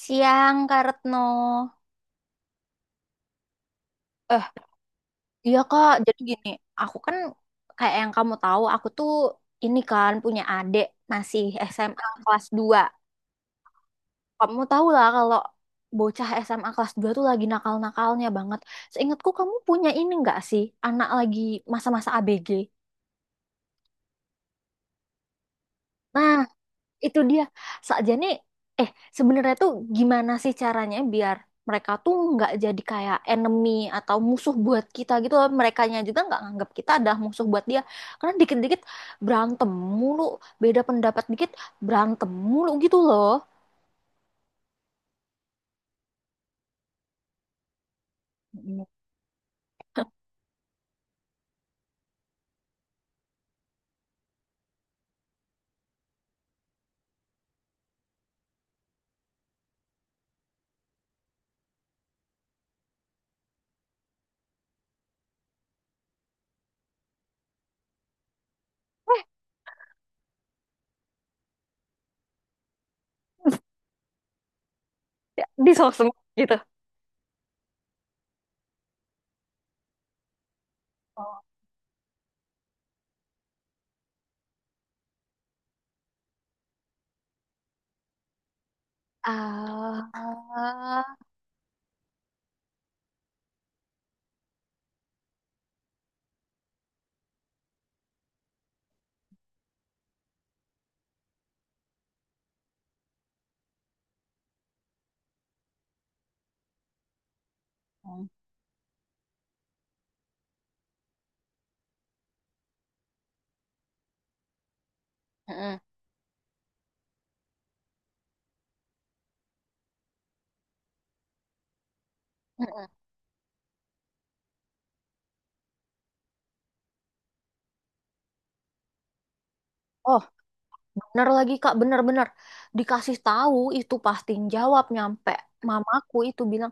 Siang, Kak Retno. Eh, iya Kak, jadi gini, aku kan kayak yang kamu tahu, aku tuh ini kan punya adik masih SMA kelas 2. Kamu tahu lah kalau bocah SMA kelas 2 tuh lagi nakal-nakalnya banget. Seingatku kamu punya ini nggak sih, anak lagi masa-masa ABG? Nah, itu dia sakjane eh sebenarnya tuh gimana sih caranya biar mereka tuh nggak jadi kayak enemy atau musuh buat kita gitu loh. Merekanya juga nggak nganggap kita adalah musuh buat dia karena dikit-dikit berantem mulu, beda pendapat dikit berantem mulu gitu loh. Mm. eh Ya, di sosmed gitu. Oh, ah, mm. Mm-mm, mm-mm. Oh, bener lagi Kak, bener-bener dikasih tahu itu pasti jawab nyampe mamaku itu bilang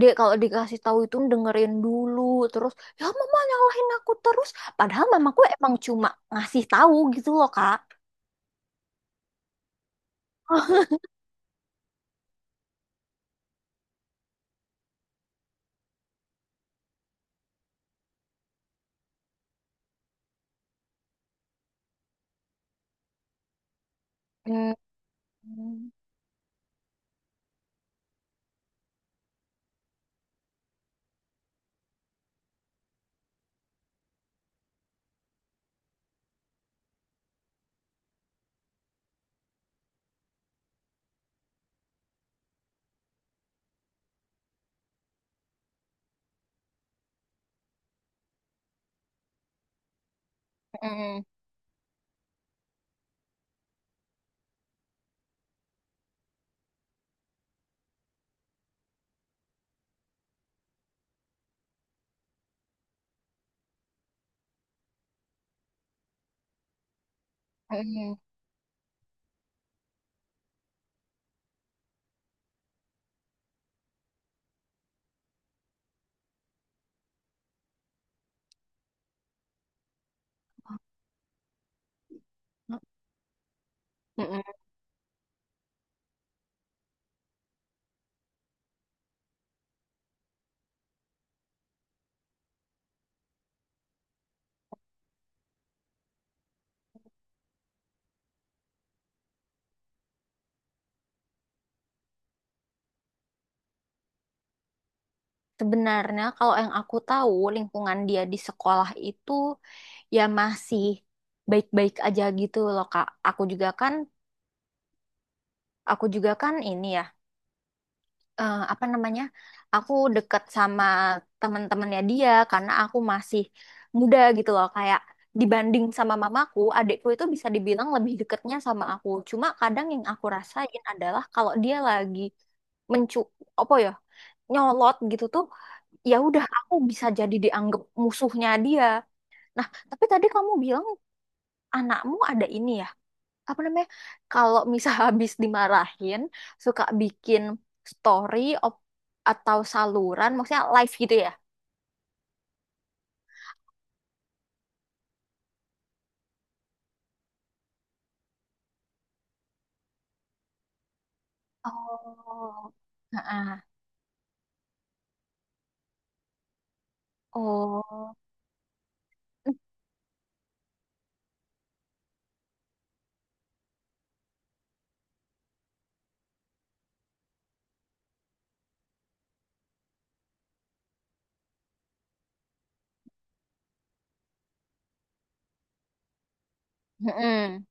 dia kalau dikasih tahu itu dengerin dulu terus, ya mama nyalahin aku terus, padahal mamaku emang cuma ngasih tahu gitu loh Kak. Hmm, hmm, hmm, hmm. Sebenarnya kalau yang aku tahu lingkungan dia di sekolah itu ya masih baik-baik aja gitu loh Kak. Aku juga kan ini ya, apa namanya, aku deket sama teman-temannya dia karena aku masih muda gitu loh, kayak dibanding sama mamaku adikku itu bisa dibilang lebih deketnya sama aku. Cuma kadang yang aku rasain adalah kalau dia lagi mencu, apa ya, nyolot gitu tuh ya udah aku bisa jadi dianggap musuhnya dia. Nah tapi tadi kamu bilang anakmu ada ini ya, apa namanya, kalau misal habis dimarahin suka bikin story, op- atau saluran maksudnya live gitu ya. Oh, heeh. Oh, mm-mm.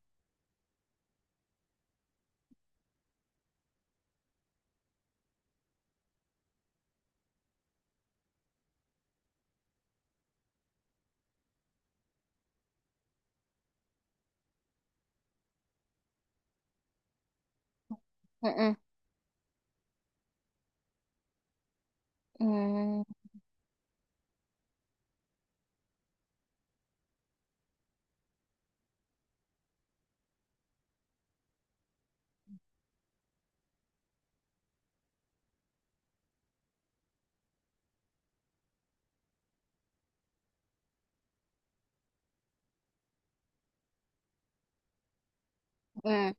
Mm-mm. Mm. Mm.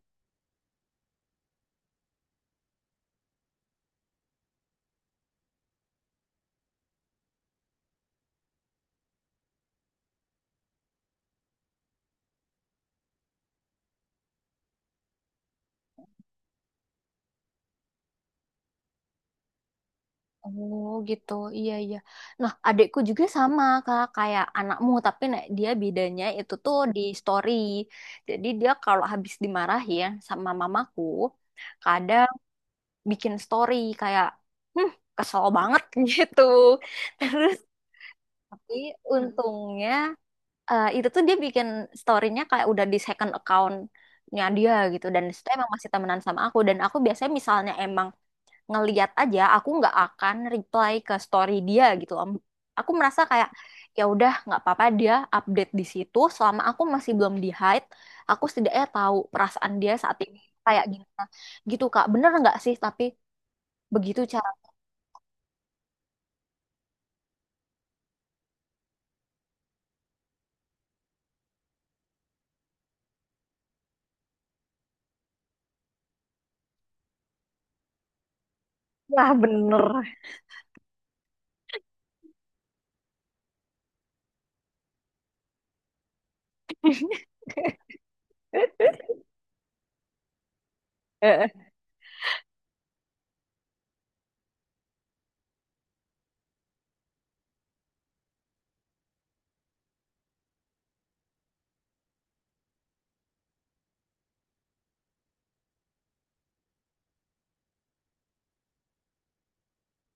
Oh gitu, iya iya. Nah, adikku juga sama kak kayak anakmu, tapi nah, dia bedanya itu tuh di story. Jadi dia kalau habis dimarahin sama mamaku, kadang bikin story kayak, hmm kesel banget gitu terus. Tapi untungnya, itu tuh dia bikin storynya kayak udah di second accountnya dia gitu dan itu emang masih temenan sama aku, dan aku biasanya misalnya emang ngeliat aja, aku nggak akan reply ke story dia gitu om. Aku merasa kayak ya udah nggak apa-apa dia update di situ, selama aku masih belum di hide aku setidaknya tahu perasaan dia saat ini kayak gimana gitu kak, bener nggak sih? Tapi begitu. Nah, bener. Heeh.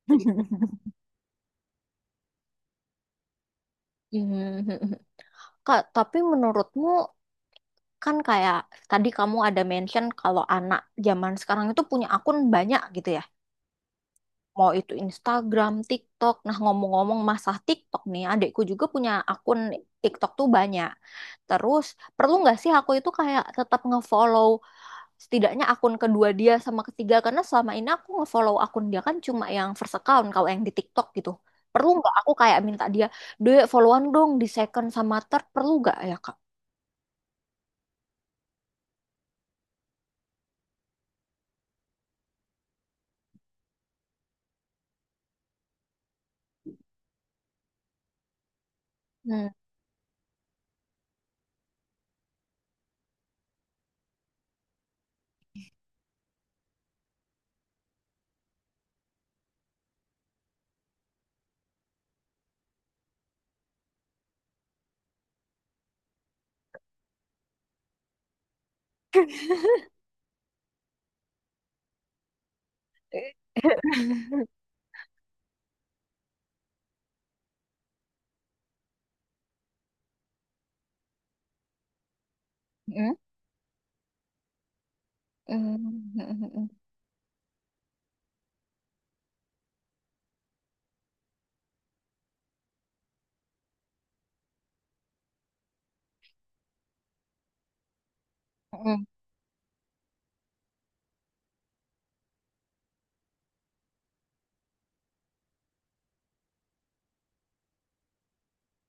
Kak, tapi menurutmu kan kayak tadi kamu ada mention kalau anak zaman sekarang itu punya akun banyak gitu ya. Mau itu Instagram, TikTok. Nah, ngomong-ngomong masalah TikTok nih, adikku juga punya akun TikTok tuh banyak. Terus, perlu nggak sih aku itu kayak tetap ngefollow setidaknya akun kedua dia sama ketiga, karena selama ini aku ngefollow akun dia kan cuma yang first account kalau yang di TikTok gitu. Perlu nggak aku kayak minta dia, Dek followan dong di second sama third, perlu nggak ya kak? Hmm. Hmm. Hmm. Hmm. Hmm.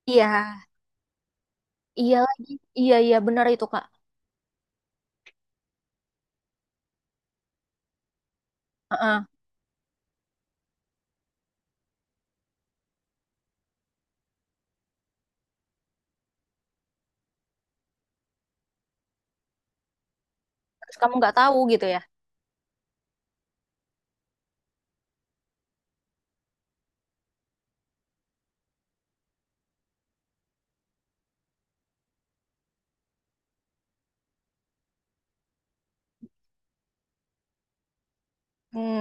Iya, iya lagi. Iya, iya benar itu, Kak. Heeh. Terus kamu nggak tahu gitu ya. Hmm.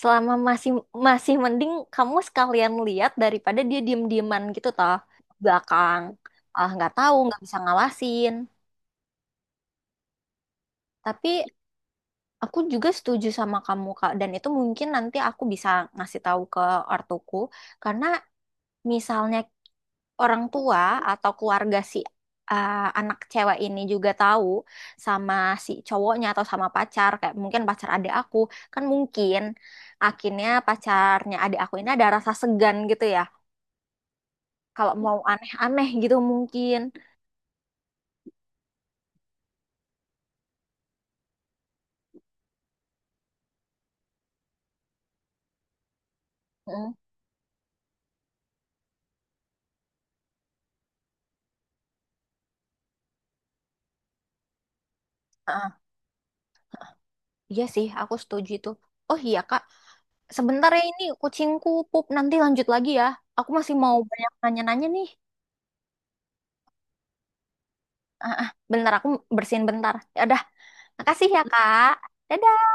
Selama masih masih mending kamu sekalian lihat daripada dia diem-dieman gitu toh, belakang. Ah, nggak tahu, nggak bisa ngawasin. Tapi aku juga setuju sama kamu, Kak. Dan itu mungkin nanti aku bisa ngasih tahu ke ortuku. Karena misalnya orang tua atau keluarga si, anak cewek ini juga tahu sama si cowoknya atau sama pacar, kayak mungkin pacar adik aku, kan mungkin akhirnya pacarnya adik aku ini ada rasa segan gitu ya. Kalau mau aneh-aneh gitu mungkin. Mm. Ah, iya sih, aku setuju itu. Oh iya, Kak. Sebentar ya ini kucingku pup, nanti lanjut lagi ya. Aku masih mau banyak nanya-nanya nih. Ah, ah, bentar aku bersihin bentar. Ya udah, makasih ya, Kak. Dadah.